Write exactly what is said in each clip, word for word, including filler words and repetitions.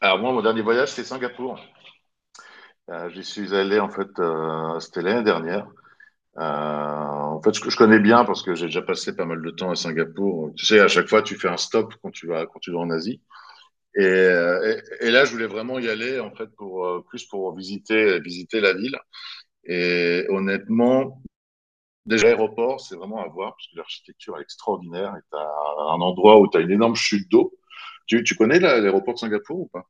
Alors moi, mon dernier voyage, c'est Singapour. Euh, j'y suis allé en fait, euh, c'était l'année dernière. Euh, en fait, je, je connais bien parce que j'ai déjà passé pas mal de temps à Singapour. Tu sais, à chaque fois, tu fais un stop quand tu vas quand tu vas en Asie. Et, euh, et, et là, je voulais vraiment y aller en fait pour euh, plus pour visiter visiter la ville. Et honnêtement, déjà l'aéroport, c'est vraiment à voir parce que l'architecture est extraordinaire. Et t'as un endroit où t'as une énorme chute d'eau. Tu, tu connais la- l'aéroport de Singapour ou pas?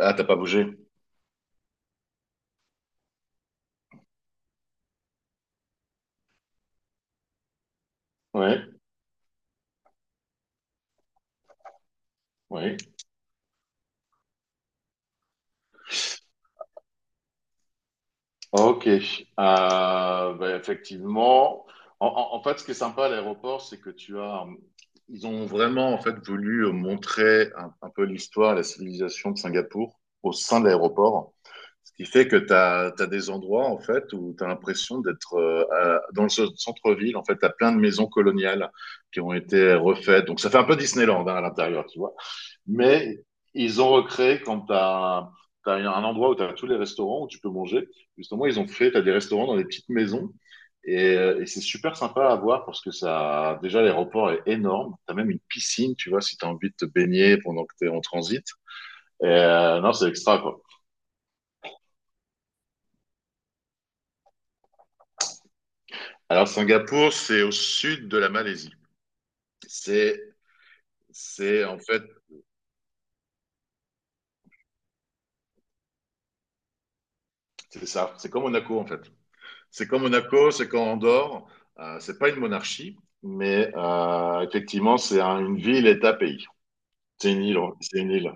Ah, t'as pas bougé. Ouais, oui. Ok. Euh, bah, effectivement, en, en- en fait, ce qui est sympa à l'aéroport, c'est que tu as, euh, ils ont vraiment en fait voulu euh, montrer un, un peu l'histoire, la civilisation de Singapour au sein de l'aéroport. Ce qui fait que tu as des endroits en fait où tu as l'impression d'être euh, à- dans le ce- centre-ville. En fait, tu as plein de maisons coloniales qui ont été refaites. Donc, ça fait un peu Disneyland hein, à l'intérieur, tu vois. Mais ils ont recréé quand tu as un endroit où tu as tous les restaurants où tu peux manger. Justement, ils ont fait, tu as des restaurants dans des petites maisons. Et, euh, et c'est super sympa à voir parce que ça, déjà, l'aéroport est énorme. Tu as même une piscine, tu vois, si tu as envie de te baigner pendant que tu es en transit. Et, euh, non, c'est extra, quoi. Alors, Singapour, c'est au sud de la Malaisie. C'est, c'est en fait, c'est ça. C'est comme Monaco, en fait. C'est comme Monaco, c'est quand Andorre. Euh, c'est pas une monarchie, mais euh, effectivement, c'est un- une ville, État, pays. C'est une île, ouais, c'est une île,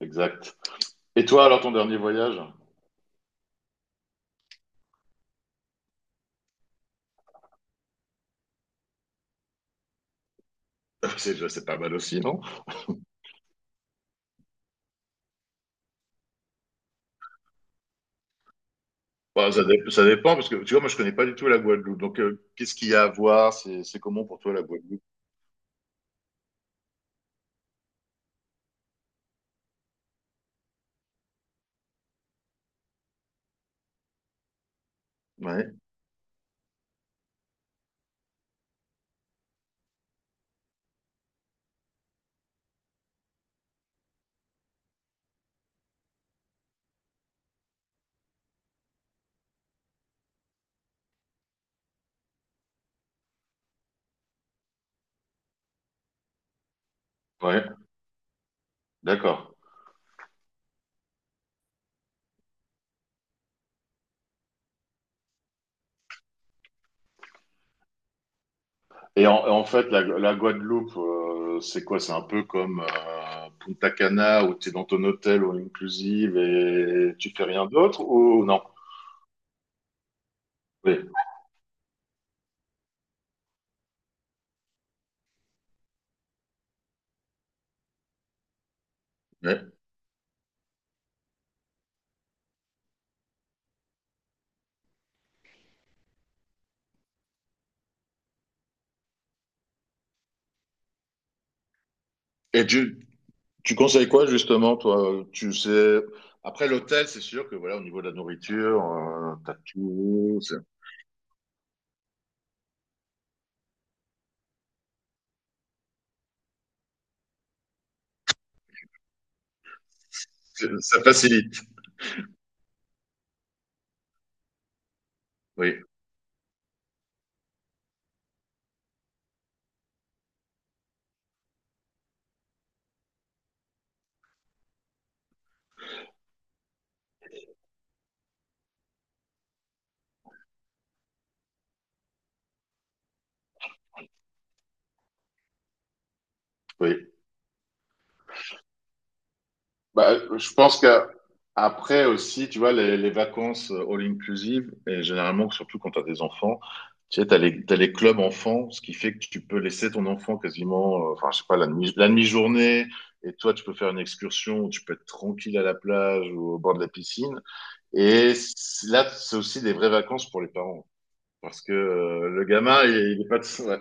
exact. Et toi, alors, ton dernier voyage? C'est c'est pas mal aussi, non? Bah, ça, dé- ça dépend, parce que tu vois, moi, je connais pas du tout la Guadeloupe. Donc, euh, qu'est-ce qu'il y a à voir? C'est c'est comment pour toi, la Guadeloupe? Ouais, ouais, d'accord. Et en, en fait, la, la Guadeloupe, euh, c'est quoi? C'est un peu comme euh, Punta Cana, où tu es dans ton hôtel all inclusive et tu fais rien d'autre, ou non? Oui. Ouais. Et tu, Tu conseilles quoi justement, toi? Tu sais, après l'hôtel, c'est sûr que voilà, au niveau de la nourriture, euh, t'as tout, c'est- c'est- ça facilite. Oui, oui. Bah, je pense que après aussi, tu vois, les, les vacances euh, all inclusive, et généralement, surtout quand t'as des enfants, tu sais, t'as les, t'as les clubs enfants, ce qui fait que tu peux laisser ton enfant quasiment, euh, enfin, je sais pas, la demi, la demi-journée, et toi, tu peux faire une excursion, où tu peux être tranquille à la plage ou au bord de la piscine. Et c- là, c'est aussi des vraies vacances pour les parents. Parce que euh, le gamin, il, il est pas... de- Ouais.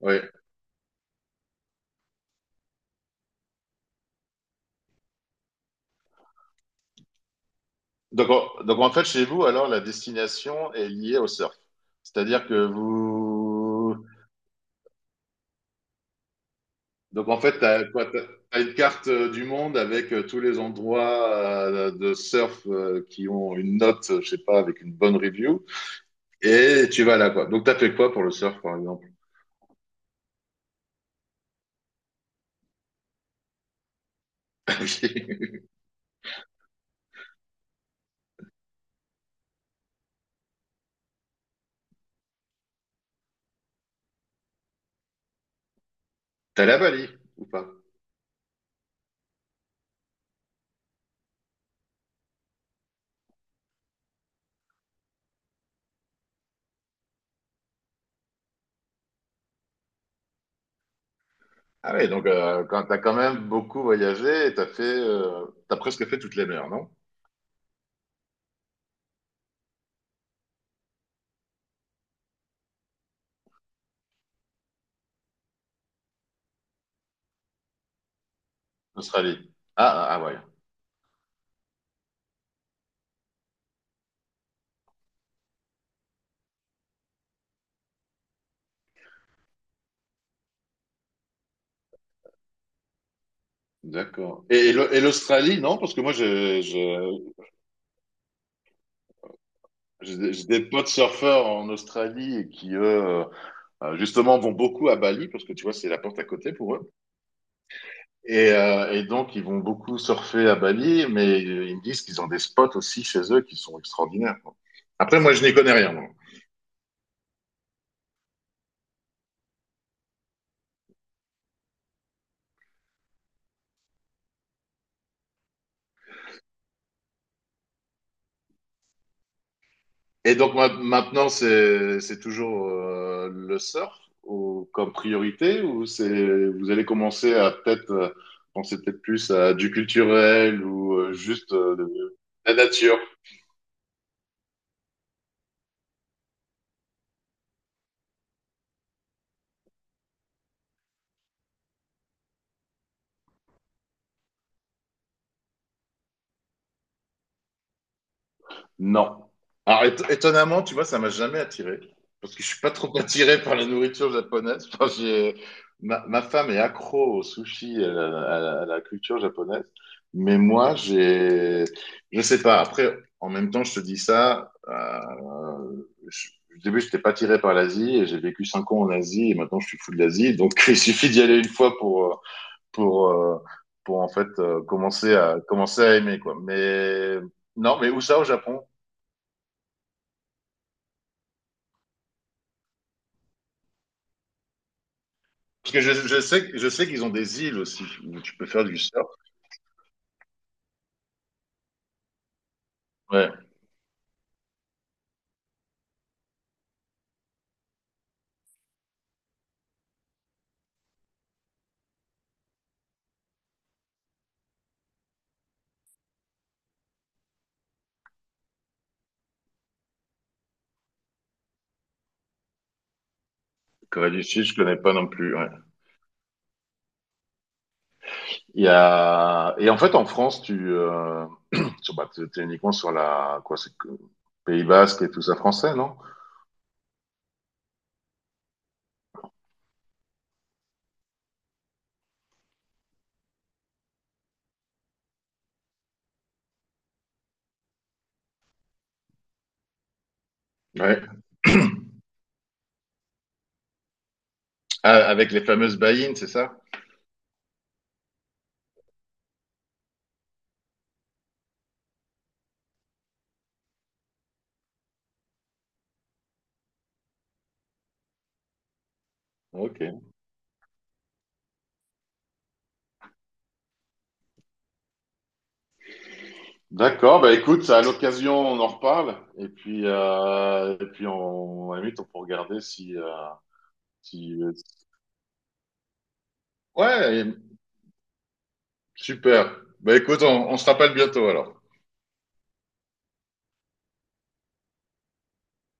Ouais. Donc, en, donc, en fait, chez vous, alors, la destination est liée au surf. C'est-à-dire que vous... Donc, en fait, t'as, quoi, t'as- t'as une carte euh, du monde avec euh, tous les endroits euh, de surf euh, qui ont une note, euh, je sais pas, avec une bonne review. Et tu vas là, quoi. Donc, t'as fait quoi pour le surf, par exemple? T'es allé à Bali ou pas? Ah oui, donc euh, quand t'as quand même beaucoup voyagé, t'as fait, euh, t'as presque fait toutes les mers, non? Australie. Ah, ah ah ouais, d'accord. Et, et l'Au- et l'Australie, non? Parce que moi, je- je- j'ai des j'ai des potes surfeurs en Australie et qui, eux, euh, euh, justement, vont beaucoup à Bali, parce que tu vois, c'est la porte à côté pour eux. Et, euh, et donc, ils vont beaucoup surfer à Bali, mais euh, ils me disent qu'ils ont des spots aussi chez eux qui sont extraordinaires, quoi. Après, moi, je n'y connais rien. Et donc ma- maintenant, c'est c'est toujours euh, le surf ou, comme priorité ou c'est vous allez commencer à peut-être euh, penser peut-être plus à du culturel ou euh, juste euh, de, la nature? Non. Alors, éton- étonnamment, tu vois, ça m'a jamais attiré. Parce que je suis pas trop attiré par la nourriture japonaise. Enfin, j'ai- ma, ma femme est accro au sushi, à la, à la- à la culture japonaise. Mais moi, j'ai, je sais pas. Après, en même temps, je te dis ça. Euh, je- au début, je n'étais pas attiré par l'Asie et j'ai vécu cinq ans en Asie et maintenant je suis fou de l'Asie. Donc, il suffit d'y aller une fois pour, euh, pour, euh, pour en fait euh, commencer à, commencer à aimer, quoi. Mais non, mais où ça au Japon? Parce que je, je sais, que- je sais qu'ils ont des îles aussi où tu peux faire du surf. Ouais. Corée du Sud, je connais pas non plus. Ouais. Il y a... Et en fait, en France, tu euh... sur- bah, t'es t'es uniquement sur la quoi, c'est que- Pays Basque et tout ça français, non? Ouais. Ah, avec les fameuses baïnes, c'est ça? Ok. D'accord. Bah écoute, à l'occasion, on en reparle. Et puis, euh... et puis, on à la limite, on peut regarder si, euh, si. Euh, ouais. Super. Bah écoute, on on se rappelle bientôt alors.